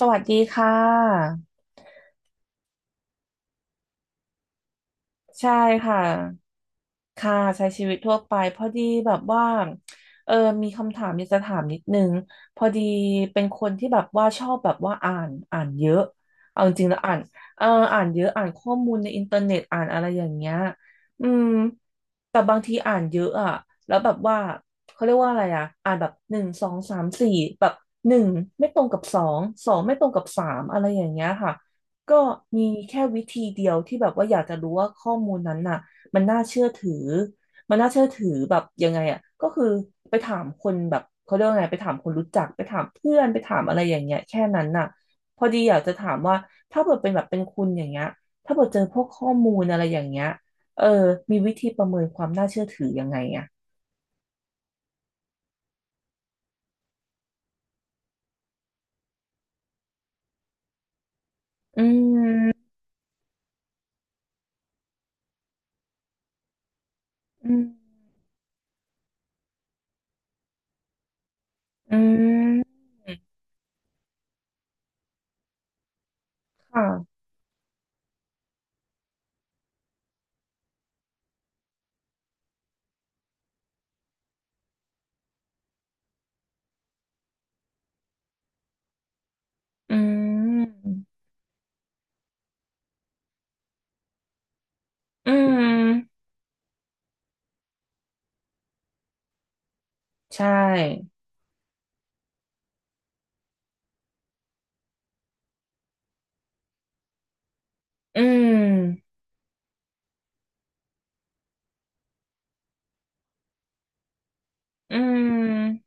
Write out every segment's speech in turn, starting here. สวัสดีค่ะใช่ค่ะค่ะใช้ชีวิตทั่วไปพอดีแบบว่าเออมีคำถามอยากจะถามนิดนึงพอดีเป็นคนที่แบบว่าชอบแบบว่าอ่านเยอะเอาจริงๆแล้วอ่านเอออ่านเยอะอ่านข้อมูลในอินเทอร์เน็ตอ่านอะไรอย่างเงี้ยอืม แต่บางทีอ่านเยอะอะแล้วแบบว่าเขาเรียกว่าอะไรอะอ่านแบบหนึ่งสองสามสี่แบบหนึ่งไม่ตรงกับสองไม่ตรงกับสามอะไรอย่างเงี้ยค่ะก็มีแค่วิธีเดียวที่แบบว่าอยากจะรู้ว่าข้อมูลนั้นน่ะมันน่าเชื่อถือมันน่าเชื่อถือแบบยังไงอะก็คือไปถามคนแบบเขาเรียกว่าไงไปถามคนรู้จักไปถามเพื่อนไปถามอะไรอย่างเงี้ยแค่นั้นน่ะพอดีอยากจะถามว่าถ้าเกิดเป็นแบบเป็นคุณอย่างเงี้ยถ้าเกิดเจอพวกข้อมูลอะไรอย่างเงี้ย เออมีวิธีประเมินความน่าเชื่อถือยังไงอ่ะ อืมอืมอืมค่ะ อืมอืมใช่ อืมอืม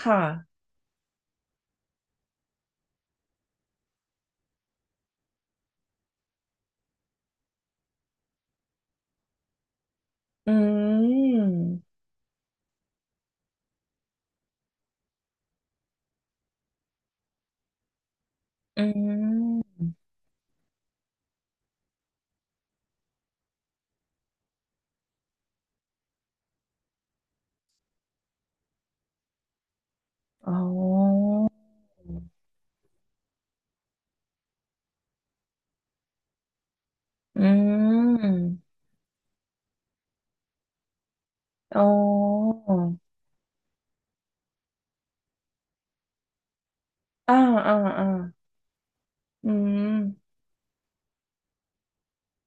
ค่ะ อืมอืมอ๋ออืมอ๋ออ่าอ่าอ่าอืม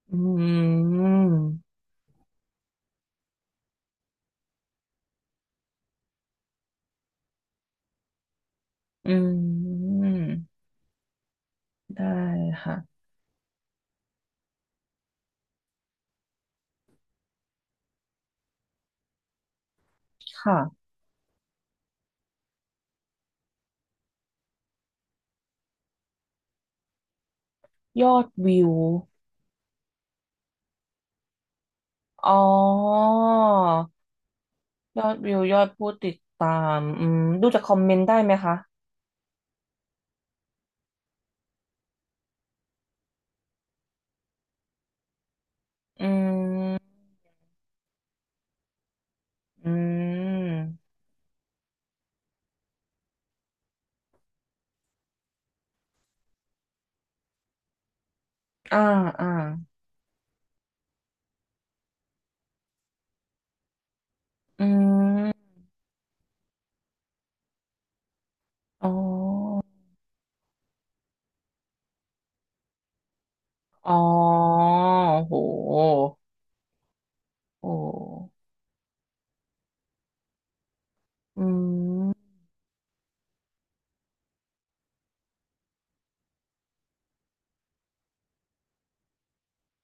อืมอืมได้ค่ะค่ะ ยอดวิว อ๋อยอดวิวยอดผู้ติดตามอืมดูจากคอมเมนต์ได้ไหมคะอืมอืมอ่าอ่าอืมอ๋ออ๋อโหโอ้อืม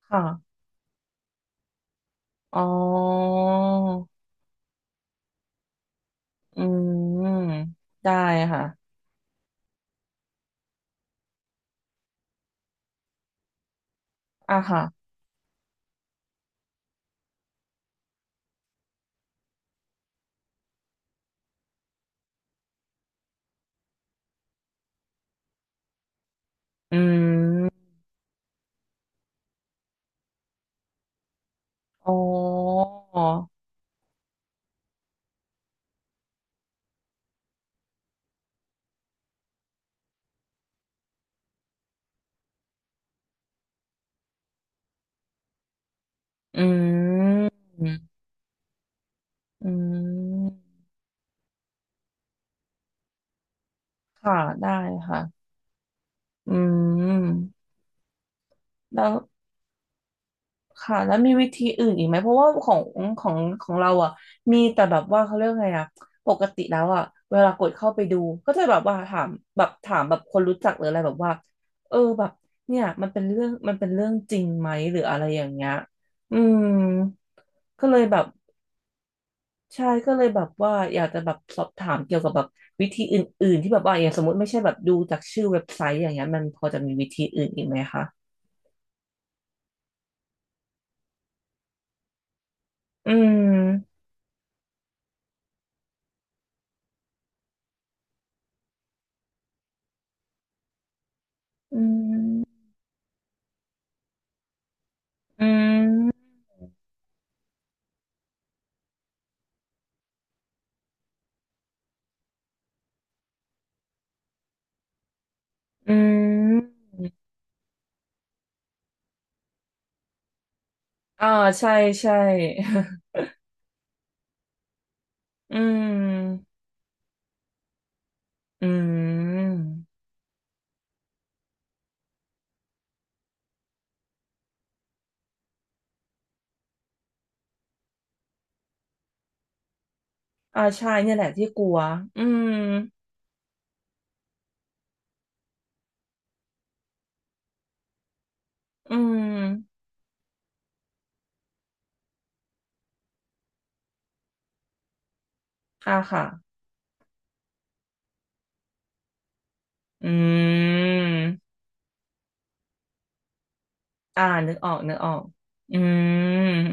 ค่ะอ๋ออืมได้ค่ะอ่ะค่ะอืมอ๋ออืมอืมค่ะได้ค่ะอืม แล้วค่ะแล้วมีวิธีอื่นอีกไหมเพราะว่าของเราอ่ะมีแต่แบบว่าเขาเรียกไงอ่ะปกติแล้วอ่ะเวลากดเข้าไปดูก็จะแบบว่าถามแบบถามแบบคนรู้จักหรืออะไรแบบว่าแบบเนี่ยมันเป็นเรื่องมันเป็นเรื่องจริงไหมหรืออะไรอย่างเงี้ยอืมก็เลยแบบใช่ก็เลยแบบว่าอยากจะแบบสอบถามเกี่ยวกับแบบวิธีอื่นๆที่แบบว่าอย่างสมมติไม่ใช่แบบดูจากชื่อเว็บไซต์อย่างเงี้ยมันพอจะมีวิธีอื่นอีกไหมคะอืมอืมอืม อืมอ่าใช่ใช่ อืมอืมอ่าใช่เนี่ยแหละที่กลัวอืมอืมอ่าค่ะอืมอ่านึกออกนึกออกอืม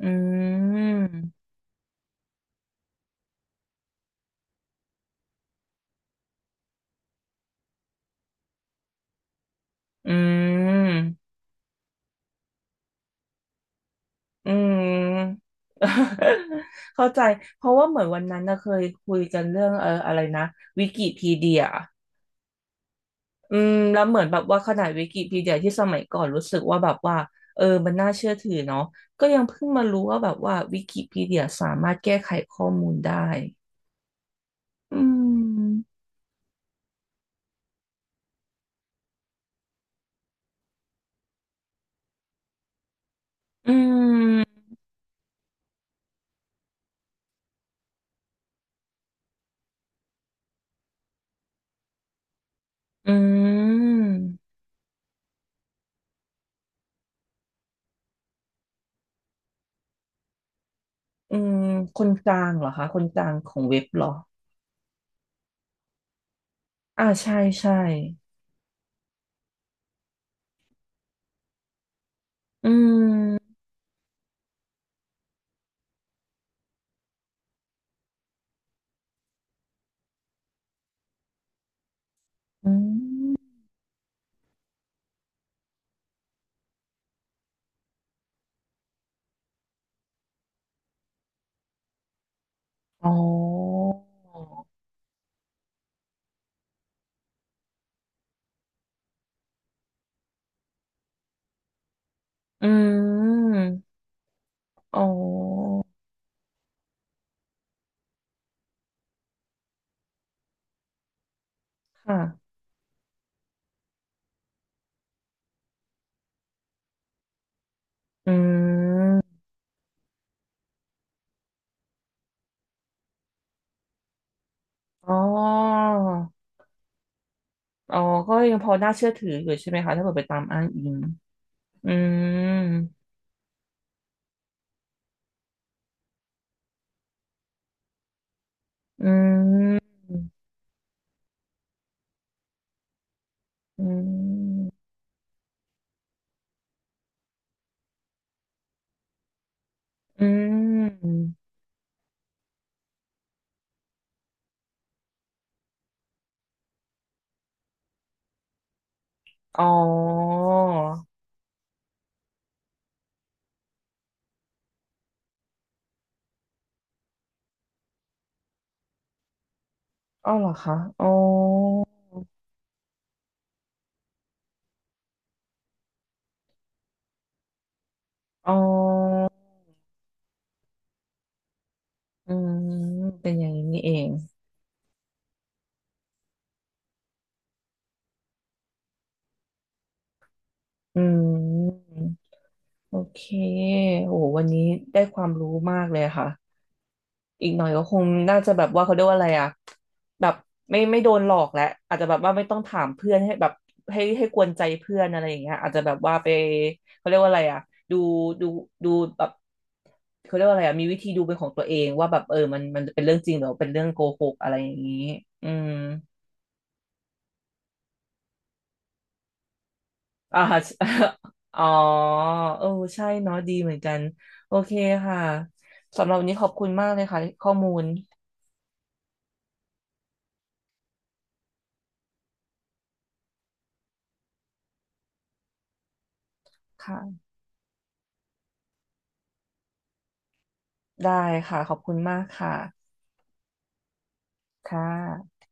อืมอืมอืม เข้าใจเพราะว่าเหมือนวันนั้นนะเคยคุยกันเรื่องอะไรนะวิกิพีเดีย อืมแล้วเหมือนแบบว่าขนาดวิกิพีเดียที่สมัยก่อนรู้สึกว่าแบบว่ามันน่าเชื่อถือเนาะก็ยังเพิ่งมารู้ว่าแบบว่าวิกิพีเดียสามารถแก้ไขข้อมูลได้อืมอืมอืมอืมคนกลางเหรอคะคนกลางของเว็บเหรออ่าใช่ใช่อืมอืมอ๋ออืมอ๋อค่ะอืมอ๋อ อ๋อก็ยังพอน่าเชื่อถืออยู่ใช่ไหมคะถ้าเกิดไปตามอ้างอิงอืมอืมอืมอืมอ๋ออ๋อเหรอคะอ๋อ อ๋ออืมเป็นอย่างนี้นี่เองอืมโอเค โอ้โหวันนี้ได้ความรู้มากเลยค่ะ อีกหน่อยก็คงน่าจะแบบว่าเขาเรียกว่าอะไรอะแบบไม่โดนหลอกแล้วอาจจะแบบว่าไม่ต้องถามเพื่อนให้แบบให้กวนใจเพื่อนอะไรอย่างเงี้ยอาจจะแบบว่าไปเขาเรียกว่าอะไรอะดูดูดูแบบเขาเรียกว่าอะไรอะมีวิธีดูเป็นของตัวเองว่าแบบมันเป็นเรื่องจริงหรือเป็นเรื่องโกหกอะไรอย่างนี้อืมอ่า อ๋อเออใช่เนาะดีเหมือนกันโอเคค่ะสำหรับวันนี้ขอบคุณมากเลยค่ะข้อมูลค่ะได้ค่ะขอบคุณมากค่ะ ค่ะ